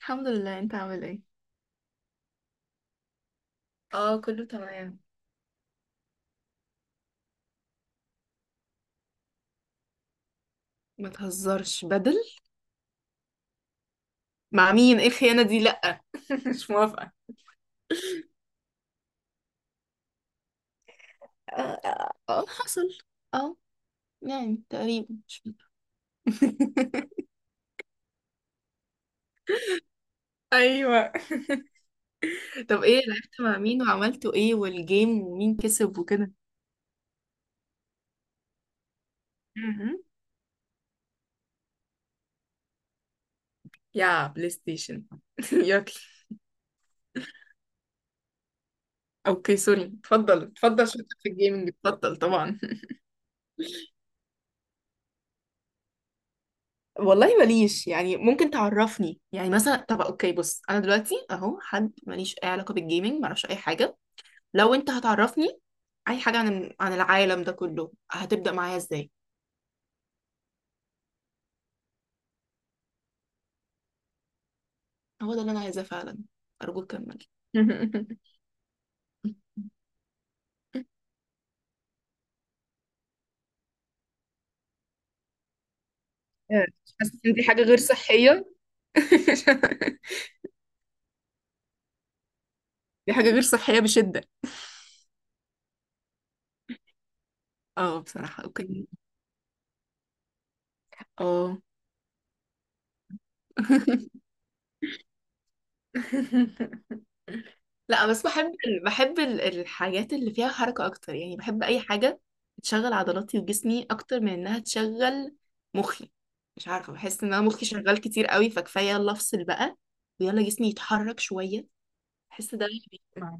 الحمد لله، انت عامل ايه؟ اه، كله تمام. ما تهزرش! بدل مع مين؟ ايه الخيانة دي؟ لأ مش موافقة. اه، آه، آه، حصل. اه. يعني تقريبا مش فاكرة. ايوه. طب ايه؟ لعبت مع مين وعملتوا ايه؟ والجيم ومين كسب وكده؟ مهم. يا بلاي ستيشن. يلا. اوكي، سوري، اتفضل اتفضل، شكرا، في الجيمنج اتفضل طبعا. والله ماليش، يعني ممكن تعرفني يعني مثلا، طب اوكي بص، انا دلوقتي اهو حد ماليش اي علاقه بالجيمنج، معرفش اي حاجه. لو انت هتعرفني اي حاجه عن العالم ده كله، هتبدا معايا ازاي؟ هو ده اللي انا عايزاه فعلا. ارجوك كمل. آه. حاسة إن دي حاجة غير صحية. دي حاجه غير صحيه بشده. اه، بصراحه اوكي. اه. لا، بس بحب الحاجات اللي فيها حركة أكتر، يعني بحب أي حاجة تشغل عضلاتي وجسمي أكتر من إنها تشغل مخي. مش عارفة، بحس إن أنا مخي شغال كتير قوي، فكفاية، يلا أفصل بقى، ويلا جسمي يتحرك شوية. بحس ده اللي بيجمع.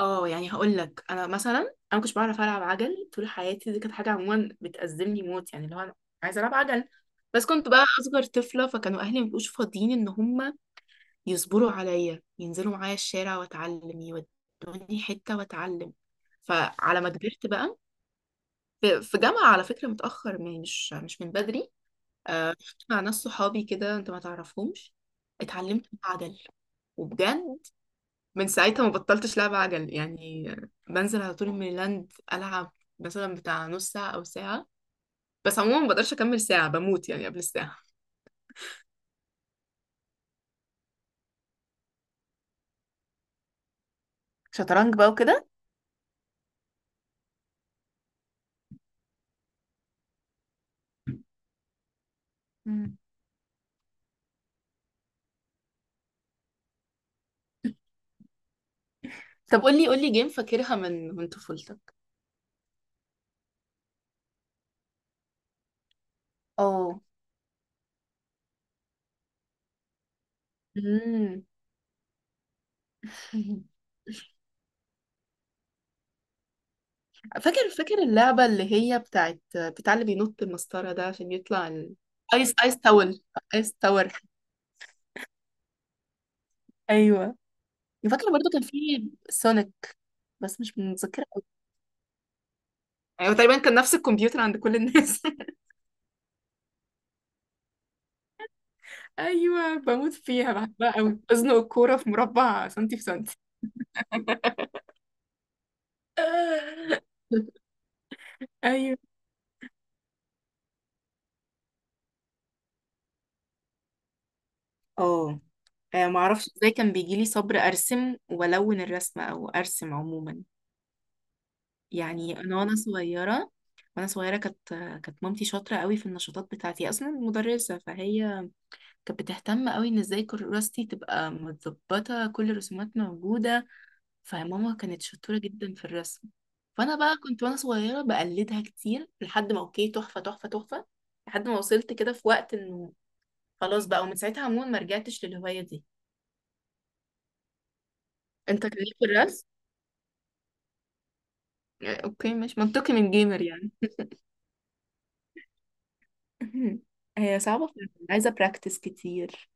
اه، يعني هقول لك، أنا مثلا أنا ما كنتش بعرف ألعب عجل طول حياتي، دي كانت حاجة عموما بتأزمني موت، يعني اللي هو أنا عايزة ألعب عجل. بس كنت بقى أصغر طفلة، فكانوا أهلي ما بيبقوش فاضيين إن هم يصبروا عليا ينزلوا معايا الشارع واتعلم، يودوني حتة واتعلم. فعلى ما كبرت بقى، في جامعة على فكرة، متأخر، مش من بدري. آه، رحت مع ناس صحابي كده، انت ما تعرفهمش. اتعلمت عجل، وبجد. من ساعتها ما بطلتش لعب عجل يعني، بنزل على طول ميلاند ألعب، مثلا بتاع نص ساعة أو ساعة. بس عموما ما بقدرش أكمل ساعة، بموت يعني قبل الساعة. شطرنج بقى وكده. مم. طب قولي قولي، جيم فاكرها من طفولتك؟ اه. مم. فاكر اللعبة اللي هي بتاع اللي بينط المسطرة ده عشان يطلع ال. ايس تاور. ايس تاور. ايوه. فاكرة برضو كان في سونيك، بس مش متذكرة قوي. ايوه، تقريبا كان نفس الكمبيوتر عند كل الناس. ايوه، بموت فيها، بحبها قوي، ازنق الكورة في مربع سنتي في سنتي. ايوه. اه. آه، معرفش ازاي كان بيجيلي صبر ارسم والون الرسمة او ارسم عموما. يعني انا وانا صغيره، كانت مامتي شاطره قوي في النشاطات بتاعتي، اصلا مدرسه، فهي كانت بتهتم قوي ان ازاي كراستي تبقى متظبطه، كل الرسومات موجوده. فماما كانت شطوره جدا في الرسم. فانا بقى كنت وانا صغيره بقلدها كتير، لحد ما اوكي تحفه تحفه تحفه، لحد ما وصلت كده في وقت انه خلاص بقى، ومن ساعتها عموما ما رجعتش للهوايه دي. انت كان ليك في الرسم؟ اوكي، مش منطقي من جيمر يعني. هي صعبه فعلاً، عايزه براكتس كتير.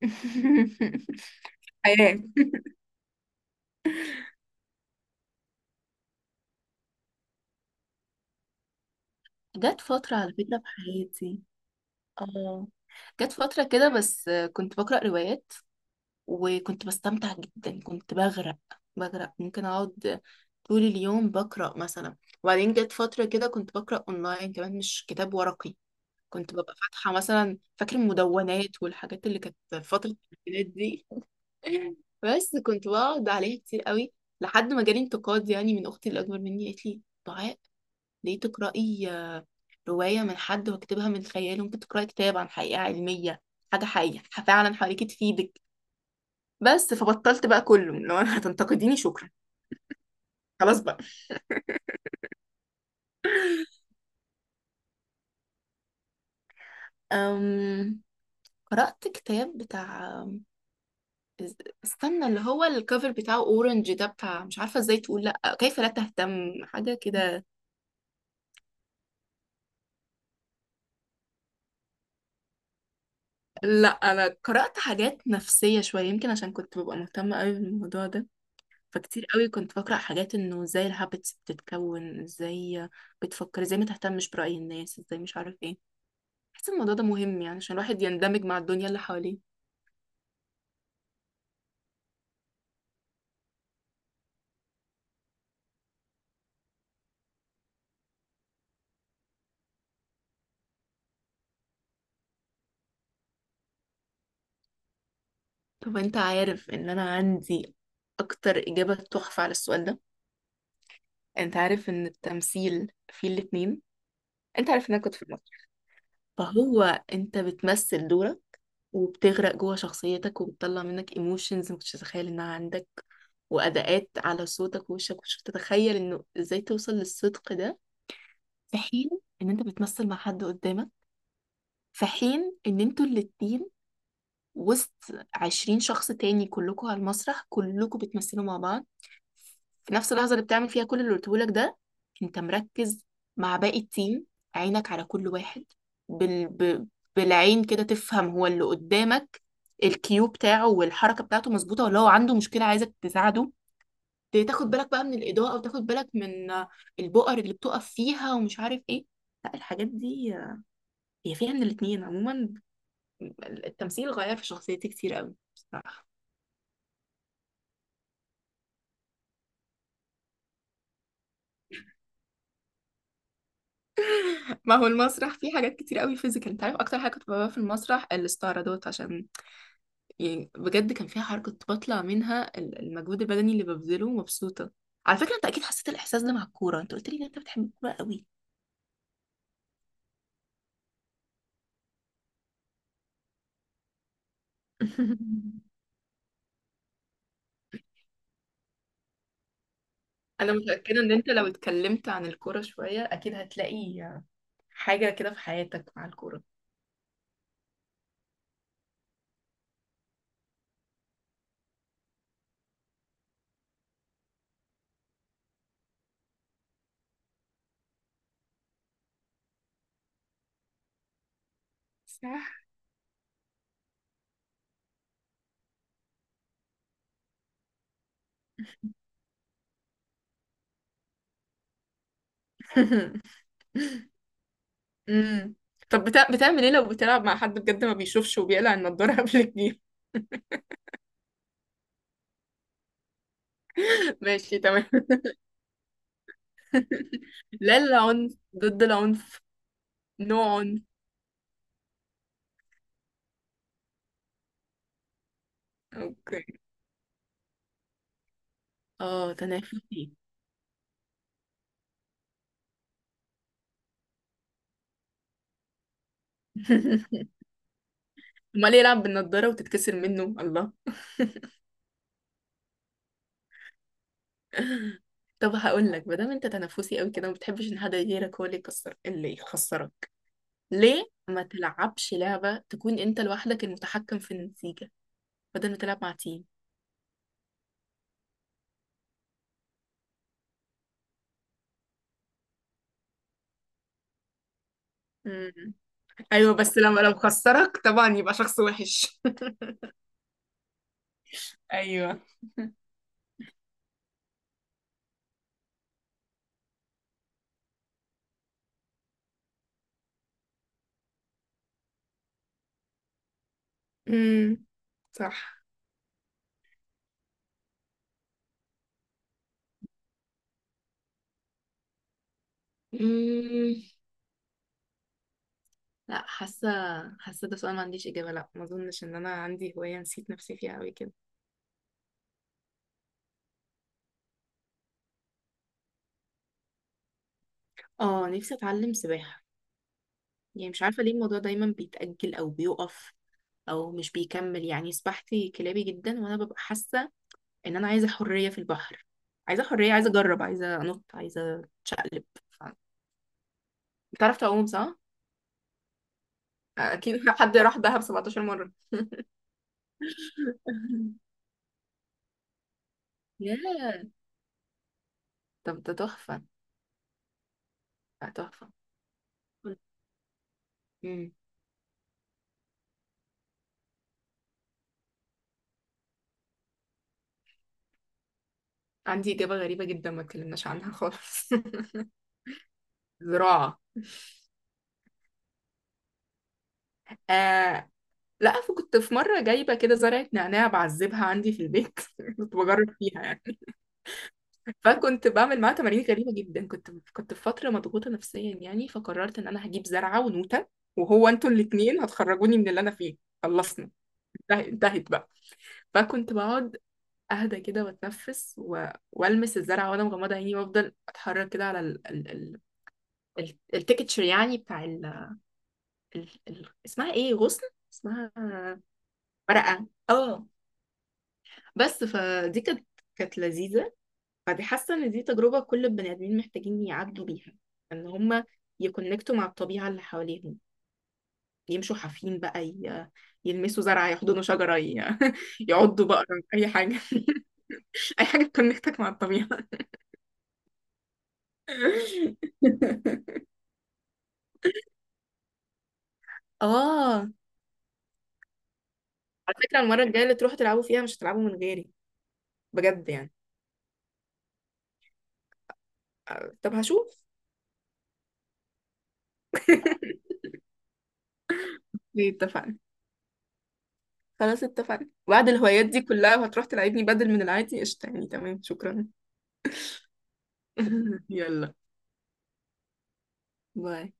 حياة. جت فترة على فكرة في حياتي. اه. جت فترة كده بس كنت بقرأ روايات، وكنت بستمتع جدا، كنت بغرق، ممكن أقعد طول اليوم بقرأ مثلا. وبعدين جت فترة كده كنت بقرأ أونلاين كمان، مش كتاب ورقي. كنت ببقى فاتحة مثلا، فاكر المدونات والحاجات اللي كانت في فترة الامتحانات دي. بس كنت بقعد عليها كتير قوي، لحد ما جالي انتقاد يعني من أختي اللي أكبر مني، قالت لي ليه تقرأي آه، رواية من حد واكتبها من خياله، ممكن تقرأي كتاب عن حقيقة علمية، حاجة حقيقية فعلا حواليكي تفيدك. بس فبطلت بقى كله، لو انا هتنتقديني شكرا. خلاص بقى. أم... قرأت كتاب بتاع إز- استنى، اللي هو الكفر بتاعه اورنج ده بتاع، مش عارفة ازاي تقول، لا كيف لا تهتم، حاجة كده. لا، انا قرأت حاجات نفسية شوية، يمكن عشان كنت ببقى مهتمة قوي بالموضوع ده. فكتير قوي كنت بقرأ حاجات انه ازاي الهابتس بتتكون، ازاي بتفكر، ازاي ما تهتمش برأي الناس، ازاي مش عارف ايه. بحس الموضوع ده مهم يعني، عشان الواحد يندمج مع الدنيا اللي حواليه. طب انت عارف ان انا عندي اكتر اجابة تحفة على السؤال ده؟ انت عارف ان التمثيل فيه الاتنين. انت عارف ان انا كنت في المسرح. فهو، انت بتمثل دورك، وبتغرق جوه شخصيتك، وبتطلع منك ايموشنز ما كنتش تتخيل انها عندك، واداءات على صوتك ووشك مش تتخيل انه ازاي توصل للصدق ده. في حين ان انت بتمثل مع حد قدامك، في حين ان انتوا الاتنين وسط 20 شخص تاني كلكوا على المسرح، كلكوا بتمثلوا مع بعض في نفس اللحظة اللي بتعمل فيها كل اللي قلتهولك ده. انت مركز مع باقي التيم، عينك على كل واحد، بال... ب... بالعين كده تفهم هو اللي قدامك الكيو بتاعه والحركة بتاعته مظبوطة، ولا هو عنده مشكلة عايزك تساعده. تاخد بالك بقى من الإضاءة، وتاخد بالك من البؤر اللي بتقف فيها ومش عارف ايه. لا، الحاجات دي هي فيها من الاتنين عموما. التمثيل غير في شخصيتي كتير قوي بصراحة. ما هو المسرح فيه حاجات كتير قوي فيزيكال، انت عارف اكتر حاجه كنت بحبها في المسرح؟ الاستعراضات، عشان يعني بجد كان فيها حركه، كنت بطلع منها المجهود البدني اللي ببذله مبسوطه. على فكره، انت اكيد حسيت الاحساس ده مع الكوره، انت قلت لي ان انت بتحب الكوره قوي. انا متأكدة ان انت لو اتكلمت عن الكورة شوية اكيد هتلاقي حاجة كده في حياتك مع الكورة. صح. امم. طب بتعمل ايه لو بتلعب مع حد بجد ما بيشوفش وبيقلع النضارة قبل الجيم؟ ماشي تمام. لا، العنف ضد العنف. نو عنف. اوكي. اه، تنافسي. امال يلعب بالنضارة وتتكسر منه؟ الله. طب هقول لك، ما دام انت تنافسي قوي كده وما بتحبش ان حد غيرك هو اللي يكسر، اللي يخسرك، ليه ما تلعبش لعبة تكون انت لوحدك المتحكم في النتيجة بدل ما تلعب مع تيم؟ امم. ايوه، بس لما لو خسرك طبعا يبقى شخص وحش. ايوه. امم. صح. مم. لا، حاسه ده سؤال ما عنديش اجابه، لا، ما اظنش ان انا عندي هوايه نسيت نفسي فيها قوي كده. اه، نفسي اتعلم سباحه. يعني مش عارفه ليه الموضوع دايما بيتاجل، او بيقف، او مش بيكمل. يعني سباحتي كلابي جدا، وانا ببقى حاسه ان انا عايزه حريه في البحر، عايزه حريه، عايزه اجرب، عايزه انط، عايزه اتشقلب. ف- بتعرف تعوم صح؟ اكيد حد راح دهب 17 مرة. ياه. طب ده تحفه، ده تحفه. مم. عندي إجابة غريبة جدا ما اتكلمناش عنها خالص. زراعة. آه. لا، فكنت في مرة جايبة كده زرعة نعناع بعذبها عندي في البيت. كنت بجرب فيها يعني. فكنت بعمل معاها تمارين غريبة جدا، كنت في فترة مضغوطة نفسيا يعني، فقررت إن أنا هجيب زرعة ونوتة، وهو أنتوا الاتنين هتخرجوني من اللي أنا فيه. خلصنا، انتهت انتهت بقى. فكنت بقعد، اهدى كده واتنفس، و... والمس الزرعه وانا مغمضه عيني، وافضل اتحرك كده على التكتشر يعني بتاع اسمها ايه؟ غصن، اسمها ورقة، اه. بس فدي كانت لذيذة. فدي حاسة ان دي تجربة كل البني ادمين محتاجين يعدوا بيها، ان هما يكونكتوا مع الطبيعة اللي حواليهم، يمشوا حافين بقى، يلمسوا زرعة، يحضنوا شجرة، يعضوا بقرة، أي حاجة. أي حاجة تكونكتك مع الطبيعة. اه. على فكرة، المرة الجاية اللي تروحوا تلعبوا فيها مش هتلعبوا من غيري. بجد يعني؟ آه، طب هشوف. اتفقنا. خلاص اتفقنا، بعد الهوايات دي كلها وهتروح تلعبني بدل من العادي، قشطة يعني، تمام، شكرا. يلا، باي.